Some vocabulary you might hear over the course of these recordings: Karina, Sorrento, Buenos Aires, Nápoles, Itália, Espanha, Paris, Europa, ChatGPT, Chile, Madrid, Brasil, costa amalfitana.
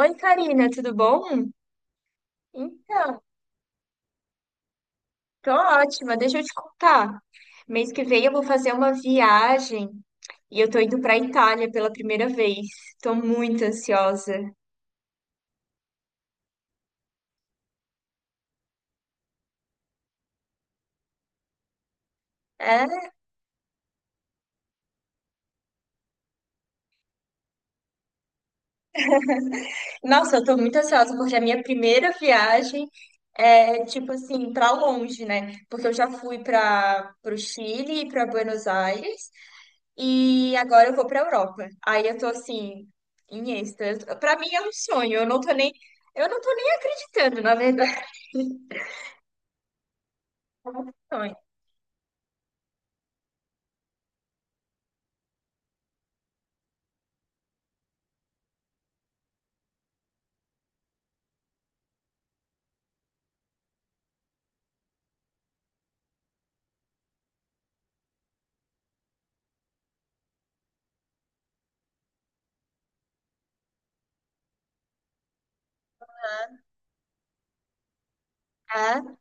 Oi, Karina, tudo bom? Então, tô ótima. Deixa eu te contar. Mês que vem eu vou fazer uma viagem e eu tô indo pra Itália pela primeira vez. Tô muito ansiosa. É? Nossa, eu tô muito ansiosa porque é a minha primeira viagem, é tipo assim, pra longe, né? Porque eu já fui para pro Chile e pra Buenos Aires. E agora eu vou pra Europa. Aí eu tô assim, em êxtase. Pra mim é um sonho. Eu não tô nem acreditando, na verdade. É um sonho. ah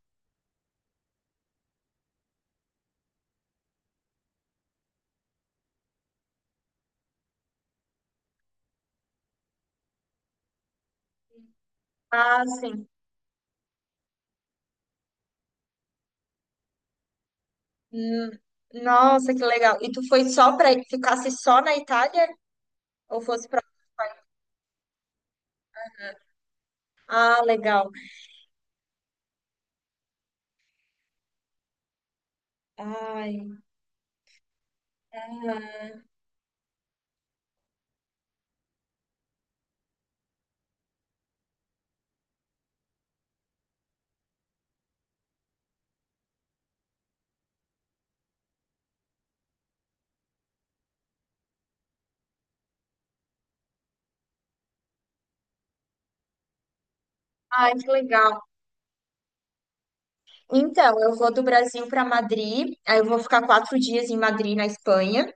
Ah, sim. Hum. Nossa, que legal. E tu foi só pra ficasse só na Itália ou fosse pra... Ah, legal. Ai, ah, ai, que legal. Então, eu vou do Brasil pra Madrid. Aí eu vou ficar 4 dias em Madrid, na Espanha.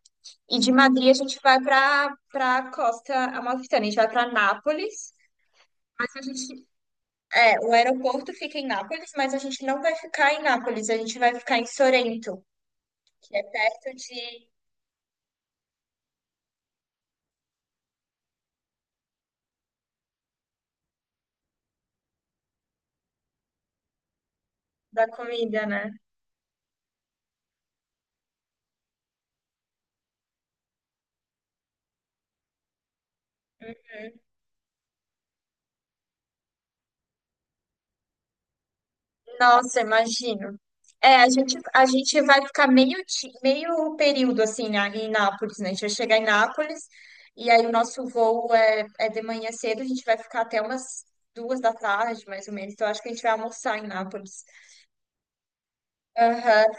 E de Madrid a gente vai para costa amalfitana, a gente vai para Nápoles. Mas a gente, o aeroporto fica em Nápoles, mas a gente não vai ficar em Nápoles, a gente vai ficar em Sorrento, que é perto de, da comida, né? Nossa, imagino. É, a gente vai ficar meio período assim, né, em Nápoles, né? A gente vai chegar em Nápoles e aí o nosso voo é de manhã cedo, a gente vai ficar até umas 2 da tarde, mais ou menos. Então acho que a gente vai almoçar em Nápoles. Aham.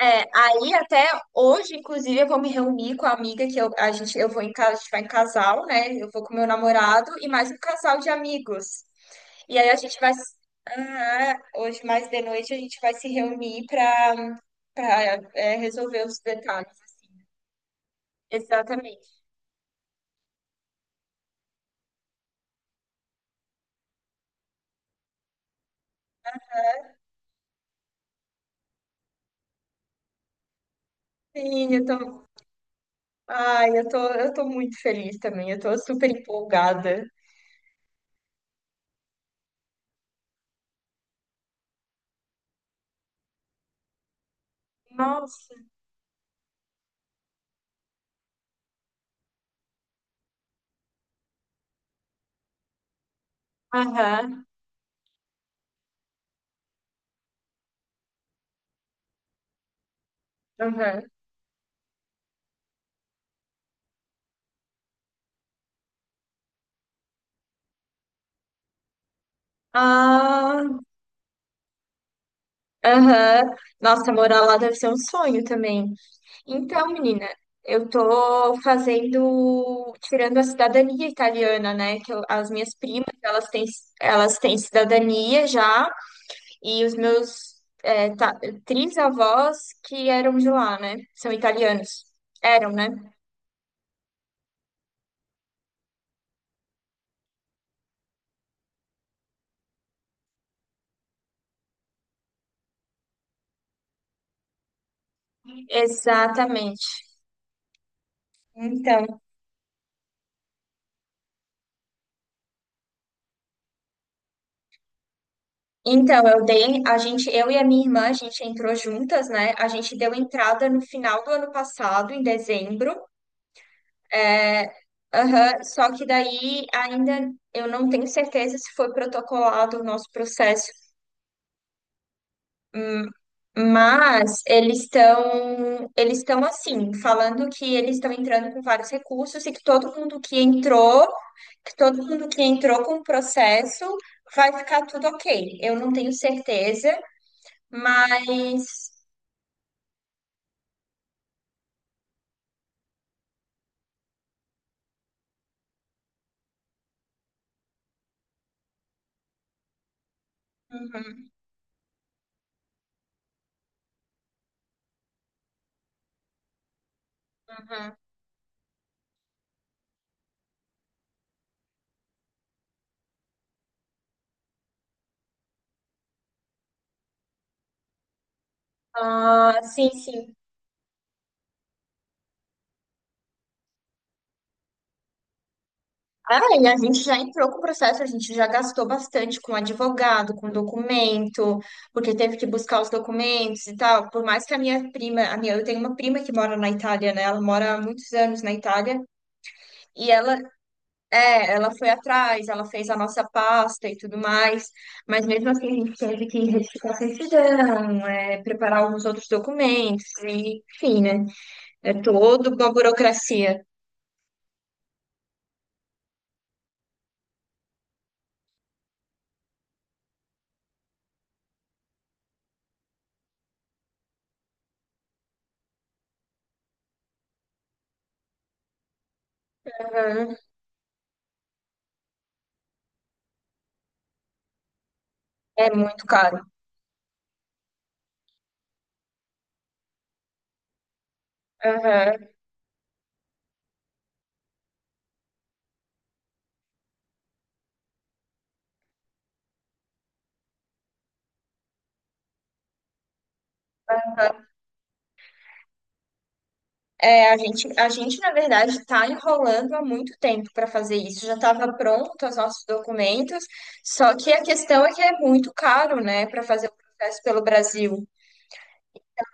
É, aí até hoje, inclusive, eu vou me reunir com a amiga que eu, a gente, eu vou em casa, a gente vai em casal, né? Eu vou com meu namorado e mais um casal de amigos. E aí a gente vai, hoje mais de noite a gente vai se reunir para resolver os detalhes. Exatamente. Sim, eu tô muito feliz também. Eu tô super empolgada. Nossa. Aham, aham. Ah. Aham. Nossa, morar lá deve ser um sonho também. Então, menina, eu tô fazendo, tirando a cidadania italiana, né? As minhas primas, elas têm cidadania já, e os meus, é, ta- trisavós, que eram de lá, né? São italianos. Eram, né? Exatamente. Então, a gente, eu e a minha irmã, a gente entrou juntas, né? A gente deu entrada no final do ano passado, em dezembro. Aham. Só que daí ainda eu não tenho certeza se foi protocolado o nosso processo. Hum. Mas eles estão assim, falando que eles estão entrando com vários recursos e que todo mundo que entrou, que todo mundo que entrou com o processo vai ficar tudo ok. Eu não tenho certeza, mas... Uhum, uhum. Ah, sim, sim. Ah, e a gente já entrou com o processo, a gente já gastou bastante com advogado, com documento, porque teve que buscar os documentos e tal. Por mais que a minha prima, eu tenho uma prima que mora na Itália, né? Ela mora há muitos anos na Itália e ela, ela foi atrás, ela fez a nossa pasta e tudo mais, mas mesmo assim a gente teve que retificar a certidão, preparar alguns outros documentos, e, enfim, né? É toda uma burocracia. Aham. É muito caro. Aham. É, a gente, na verdade, está enrolando há muito tempo para fazer isso. Já estava pronto os nossos documentos, só que a questão é que é muito caro, né, para fazer o processo pelo Brasil.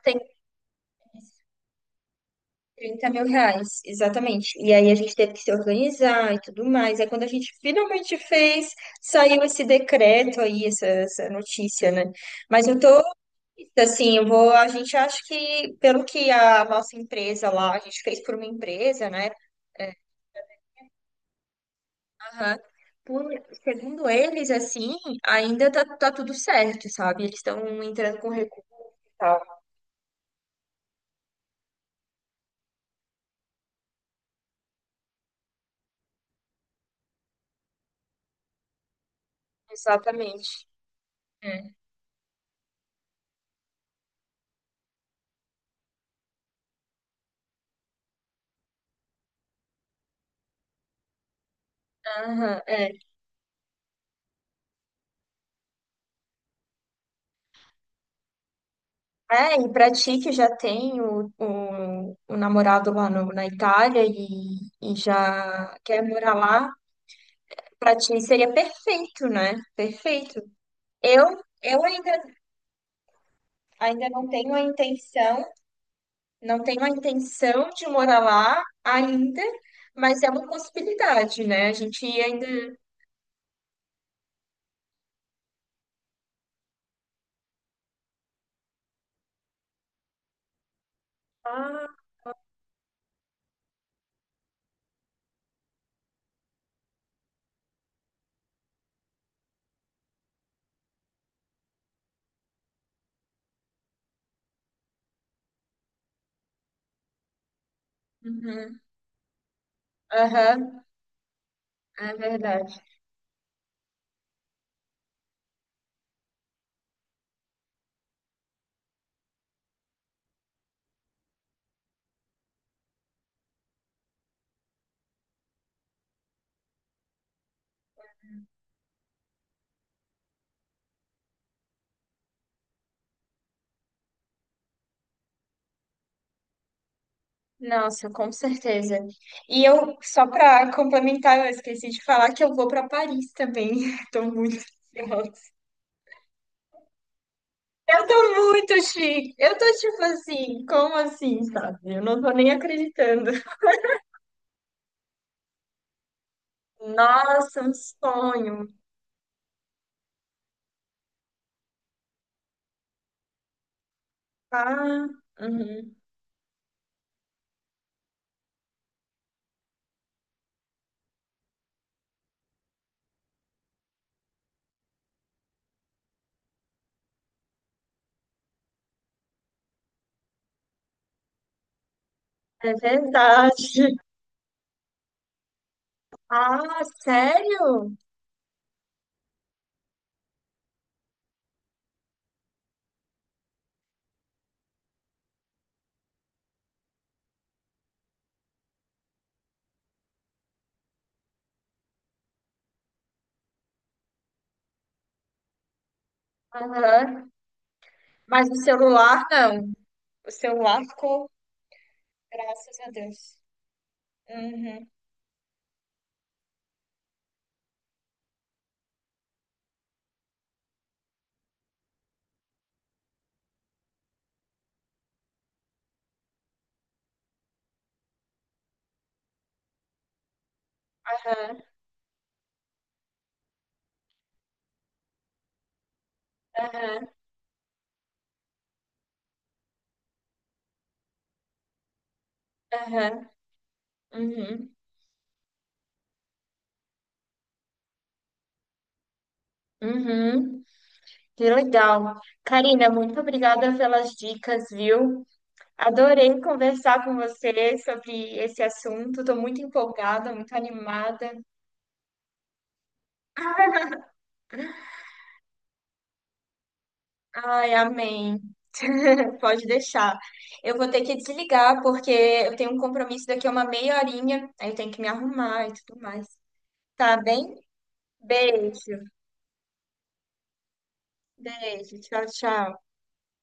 Tem 30 mil reais, exatamente. E aí a gente teve que se organizar e tudo mais. Aí quando a gente finalmente fez, saiu esse decreto aí, essa notícia, né? Mas eu tô, assim, eu vou, a gente acha que, pelo que a nossa empresa lá, a gente fez por uma empresa, né? Aham. Por, segundo eles, assim, ainda tá tudo certo, sabe? Eles estão entrando com recurso e tal. Exatamente. É. Aham, é. É, e pra ti que já tem o namorado lá na Itália e já quer morar lá, pra ti seria perfeito, né? Perfeito. Eu, eu ainda, ainda não tenho a intenção, de morar lá ainda, mas é uma possibilidade, né? A gente ainda... Ah, uhum. Aham, é verdade. Nossa, com certeza. E eu, só para complementar, eu esqueci de falar que eu vou para Paris também. Tô muito ansiosa. Eu tô muito chique. Eu tô tipo assim, como assim, sabe? Eu não tô nem acreditando. Nossa, um sonho. Ah, uhum. É verdade. Ah, sério? Aham. Mas o celular, não. O celular ficou, graças a Deus. Uhum. Aham, aham, uhum, uhum. Que legal. Karina, muito obrigada pelas dicas, viu? Adorei conversar com você sobre esse assunto. Estou muito empolgada, muito animada. Ai, amém. Pode deixar. Eu vou ter que desligar porque eu tenho um compromisso daqui a uma meia horinha. Aí eu tenho que me arrumar e tudo mais. Tá bem? Beijo. Beijo. Tchau, tchau.